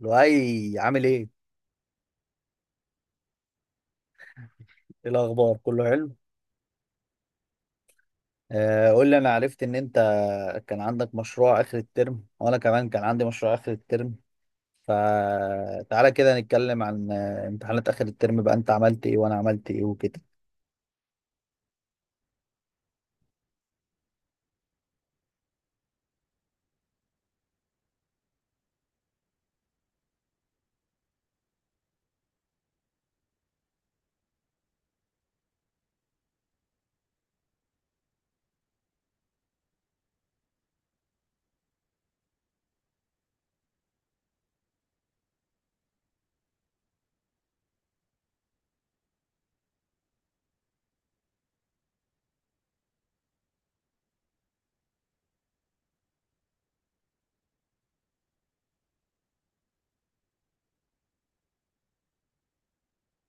لؤي عامل ايه؟ ايه الاخبار؟ كله حلو؟ قول لي انا عرفت ان انت كان عندك مشروع اخر الترم وانا كمان كان عندي مشروع اخر الترم، فتعالى كده نتكلم عن امتحانات اخر الترم بقى، انت عملت ايه وانا عملت ايه وكده.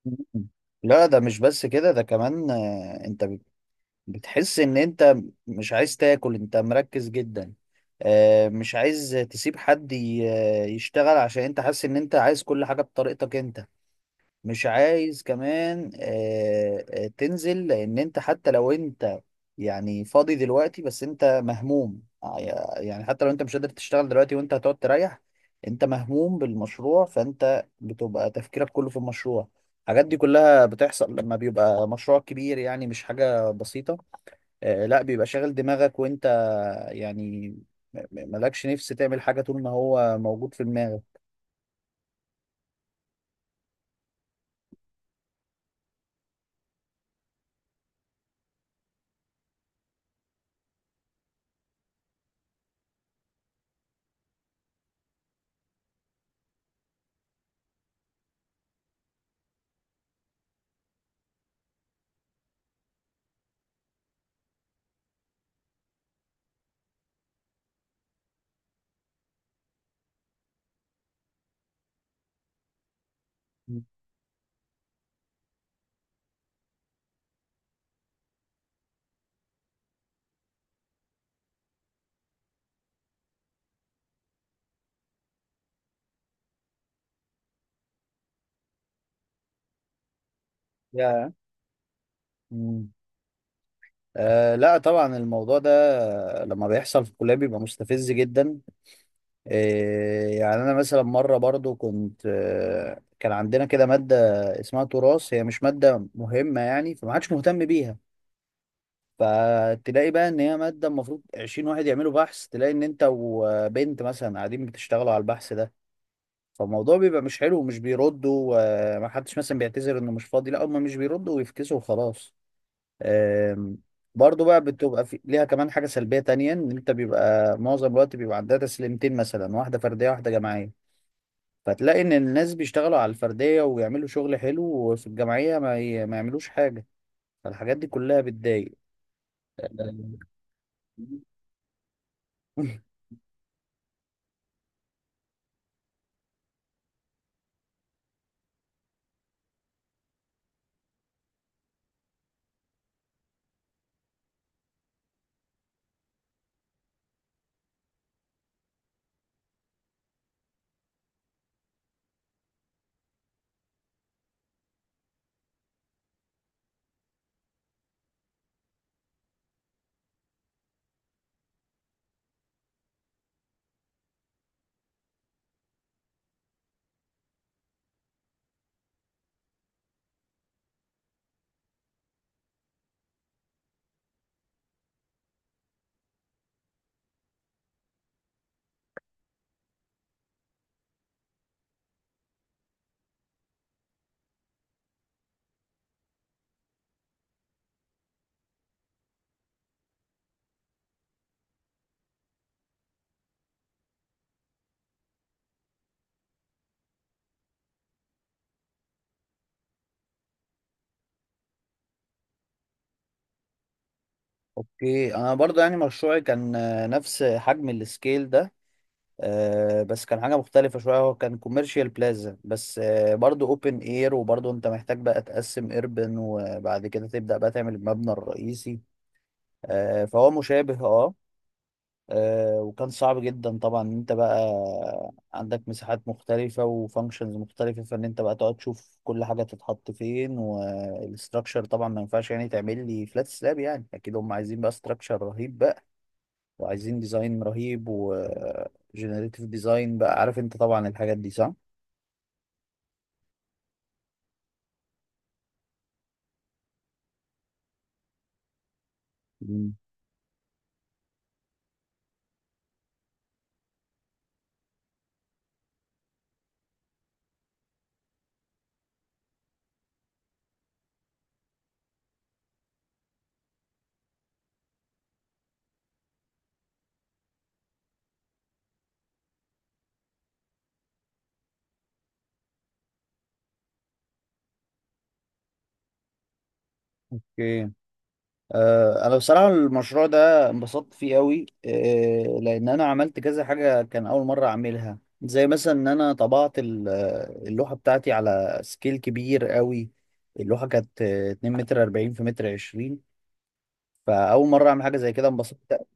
مم. لا ده مش بس كده، ده كمان بتحس ان انت مش عايز تاكل، انت مركز جدا. مش عايز تسيب حد يشتغل، عشان انت حاسس ان انت عايز كل حاجة بطريقتك انت. مش عايز كمان تنزل، لان انت حتى لو انت يعني فاضي دلوقتي بس انت مهموم. يعني حتى لو انت مش قادر تشتغل دلوقتي وانت هتقعد تريح، انت مهموم بالمشروع، فانت بتبقى تفكيرك كله في المشروع. الحاجات دي كلها بتحصل لما بيبقى مشروع كبير، يعني مش حاجة بسيطة. لا بيبقى شاغل دماغك وانت يعني مالكش نفس تعمل حاجة طول ما هو موجود في دماغك. يا yeah. أه لا طبعا، الموضوع ده لما بيحصل في الكلية بيبقى مستفز جدا. أه يعني أنا مثلا مرة برضو كنت كان عندنا كده مادة اسمها تراث، هي مش مادة مهمة يعني، فما حدش مهتم بيها. فتلاقي بقى إن هي مادة المفروض 20 واحد يعملوا بحث، تلاقي إن أنت وبنت مثلا قاعدين بتشتغلوا على البحث ده. فالموضوع بيبقى مش حلو ومش بيردوا، وما حدش مثلا بيعتذر إنه مش فاضي، لا هم مش بيردوا ويفكسوا وخلاص. آم، برضو بقى بتبقى ليها كمان حاجة سلبية تانية، ان انت بيبقى معظم الوقت بيبقى عندها تسليمتين مثلا، واحدة فردية واحدة جماعية. فتلاقي ان الناس بيشتغلوا على الفردية ويعملوا شغل حلو، وفي الجماعية ما يعملوش حاجة. فالحاجات دي كلها بتضايق. اوكي، انا برضو يعني مشروعي كان نفس حجم السكيل ده. بس كان حاجة مختلفة شوية، هو كان كوميرشال بلازا بس برضو اوبن اير، وبرضو انت محتاج بقى تقسم ايربن وبعد كده تبدأ بقى تعمل المبنى الرئيسي. فهو مشابه اه. وكان صعب جدا طبعا ان انت بقى عندك مساحات مختلفة وفانكشنز مختلفة، فان انت بقى تقعد تشوف كل حاجة تتحط فين، والاستراكشر طبعا ما ينفعش يعني تعمل لي فلات سلاب، يعني اكيد هم عايزين بقى استراكشر رهيب، وعايزين ديزاين رهيب وجنريتيف ديزاين، بقى عارف انت طبعا الحاجات دي صح؟ مم. اوكي انا بصراحه المشروع ده انبسطت فيه قوي، لان انا عملت كذا حاجه كان اول مره اعملها، زي مثلا ان انا طبعت اللوحه بتاعتي على سكيل كبير قوي. اللوحه كانت 2 متر 40 في متر 20، فاول مره اعمل حاجه زي كده انبسطت.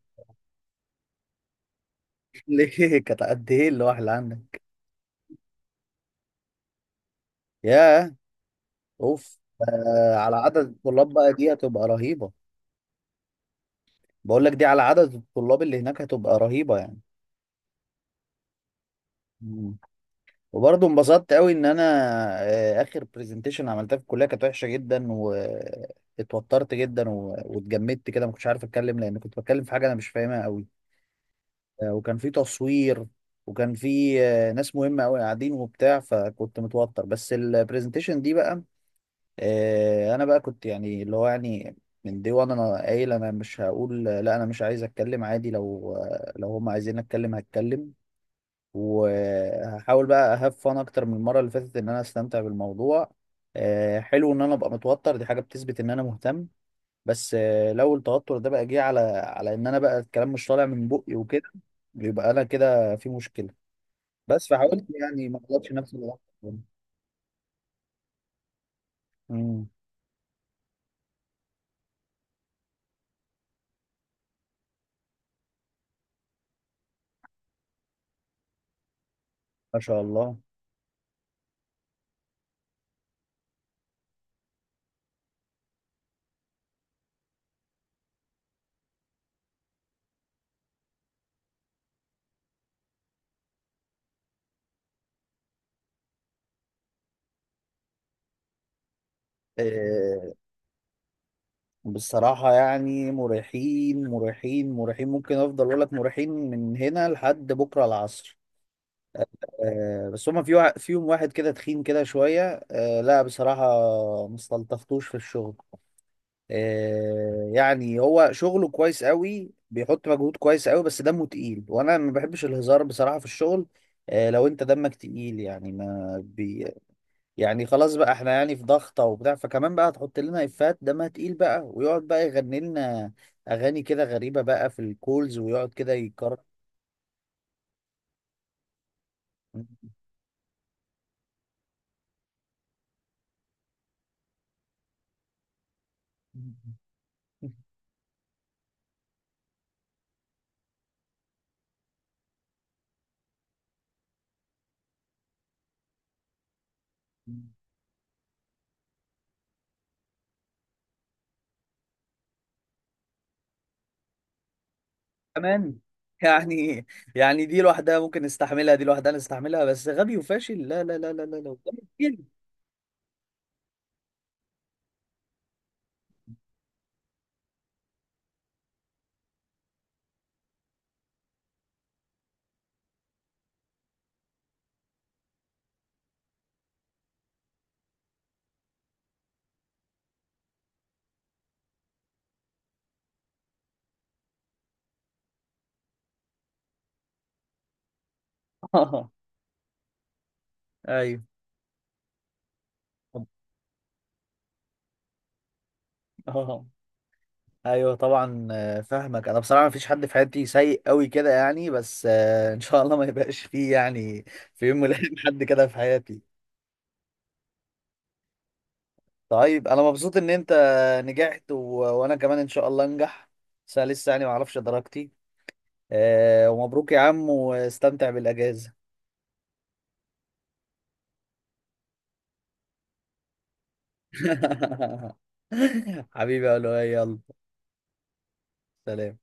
ليه، كانت قد ايه اللوحه اللي عندك؟ ياه، اوف. على عدد الطلاب بقى دي هتبقى رهيبه. بقول لك، دي على عدد الطلاب اللي هناك هتبقى رهيبة يعني. مم. وبرضه انبسطت قوي ان انا اخر برزنتيشن عملتها في الكلية كانت وحشة جدا، واتوترت جدا واتجمدت كده، ما كنتش عارف اتكلم لان كنت بتكلم في حاجة انا مش فاهمها قوي. وكان في تصوير، وكان في ناس مهمة قوي قاعدين وبتاع، فكنت متوتر. بس البرزنتيشن دي بقى انا بقى كنت يعني اللي هو يعني من دي، وانا قايل انا مش هقول لا، انا مش عايز اتكلم، عادي لو لو هم عايزين اتكلم هتكلم. وهحاول بقى اهاف فان اكتر من المره اللي فاتت ان انا استمتع بالموضوع. حلو ان انا ابقى متوتر، دي حاجه بتثبت ان انا مهتم. بس لو التوتر ده بقى جه على ان انا بقى الكلام مش طالع من بقي وكده، يبقى انا كده في مشكله. بس فحاولت يعني ما اغلطش نفسي، بالعكس. مم، ما شاء الله. آه، بصراحة يعني مريحين، مريحين، ممكن أفضل أقول لك مريحين من هنا لحد بكرة العصر. بس هما فيهم واحد كده تخين كده شوية، لا بصراحة ما استلطفتوش في الشغل. يعني هو شغله كويس قوي، بيحط مجهود كويس قوي، بس دمه تقيل وانا ما بحبش الهزار بصراحة في الشغل. لو انت دمك تقيل يعني ما بي، يعني خلاص بقى احنا يعني في ضغطة وبتاع، فكمان بقى تحط لنا افات دمها تقيل بقى، ويقعد بقى يغني لنا اغاني كده غريبة بقى في الكولز ويقعد كده يكرر. كمان يعني، يعني دي لوحدها ممكن نستحملها، دي لوحدها نستحملها، بس غبي وفاشل، لا لا لا لا لا لا. جامد جداً. ايوه. اه، ايوه طبعا، فاهمك. انا بصراحه مفيش حد في حياتي سيء قوي كده يعني، بس ان شاء الله ما يبقاش فيه يعني في يوم من الايام حد كده في حياتي. طيب انا مبسوط ان انت نجحت وانا كمان ان شاء الله انجح. بس أنا لسه يعني ما اعرفش درجتي. ومبروك يا عم واستمتع بالاجازه. حبيبي يا لؤي، يلا، سلام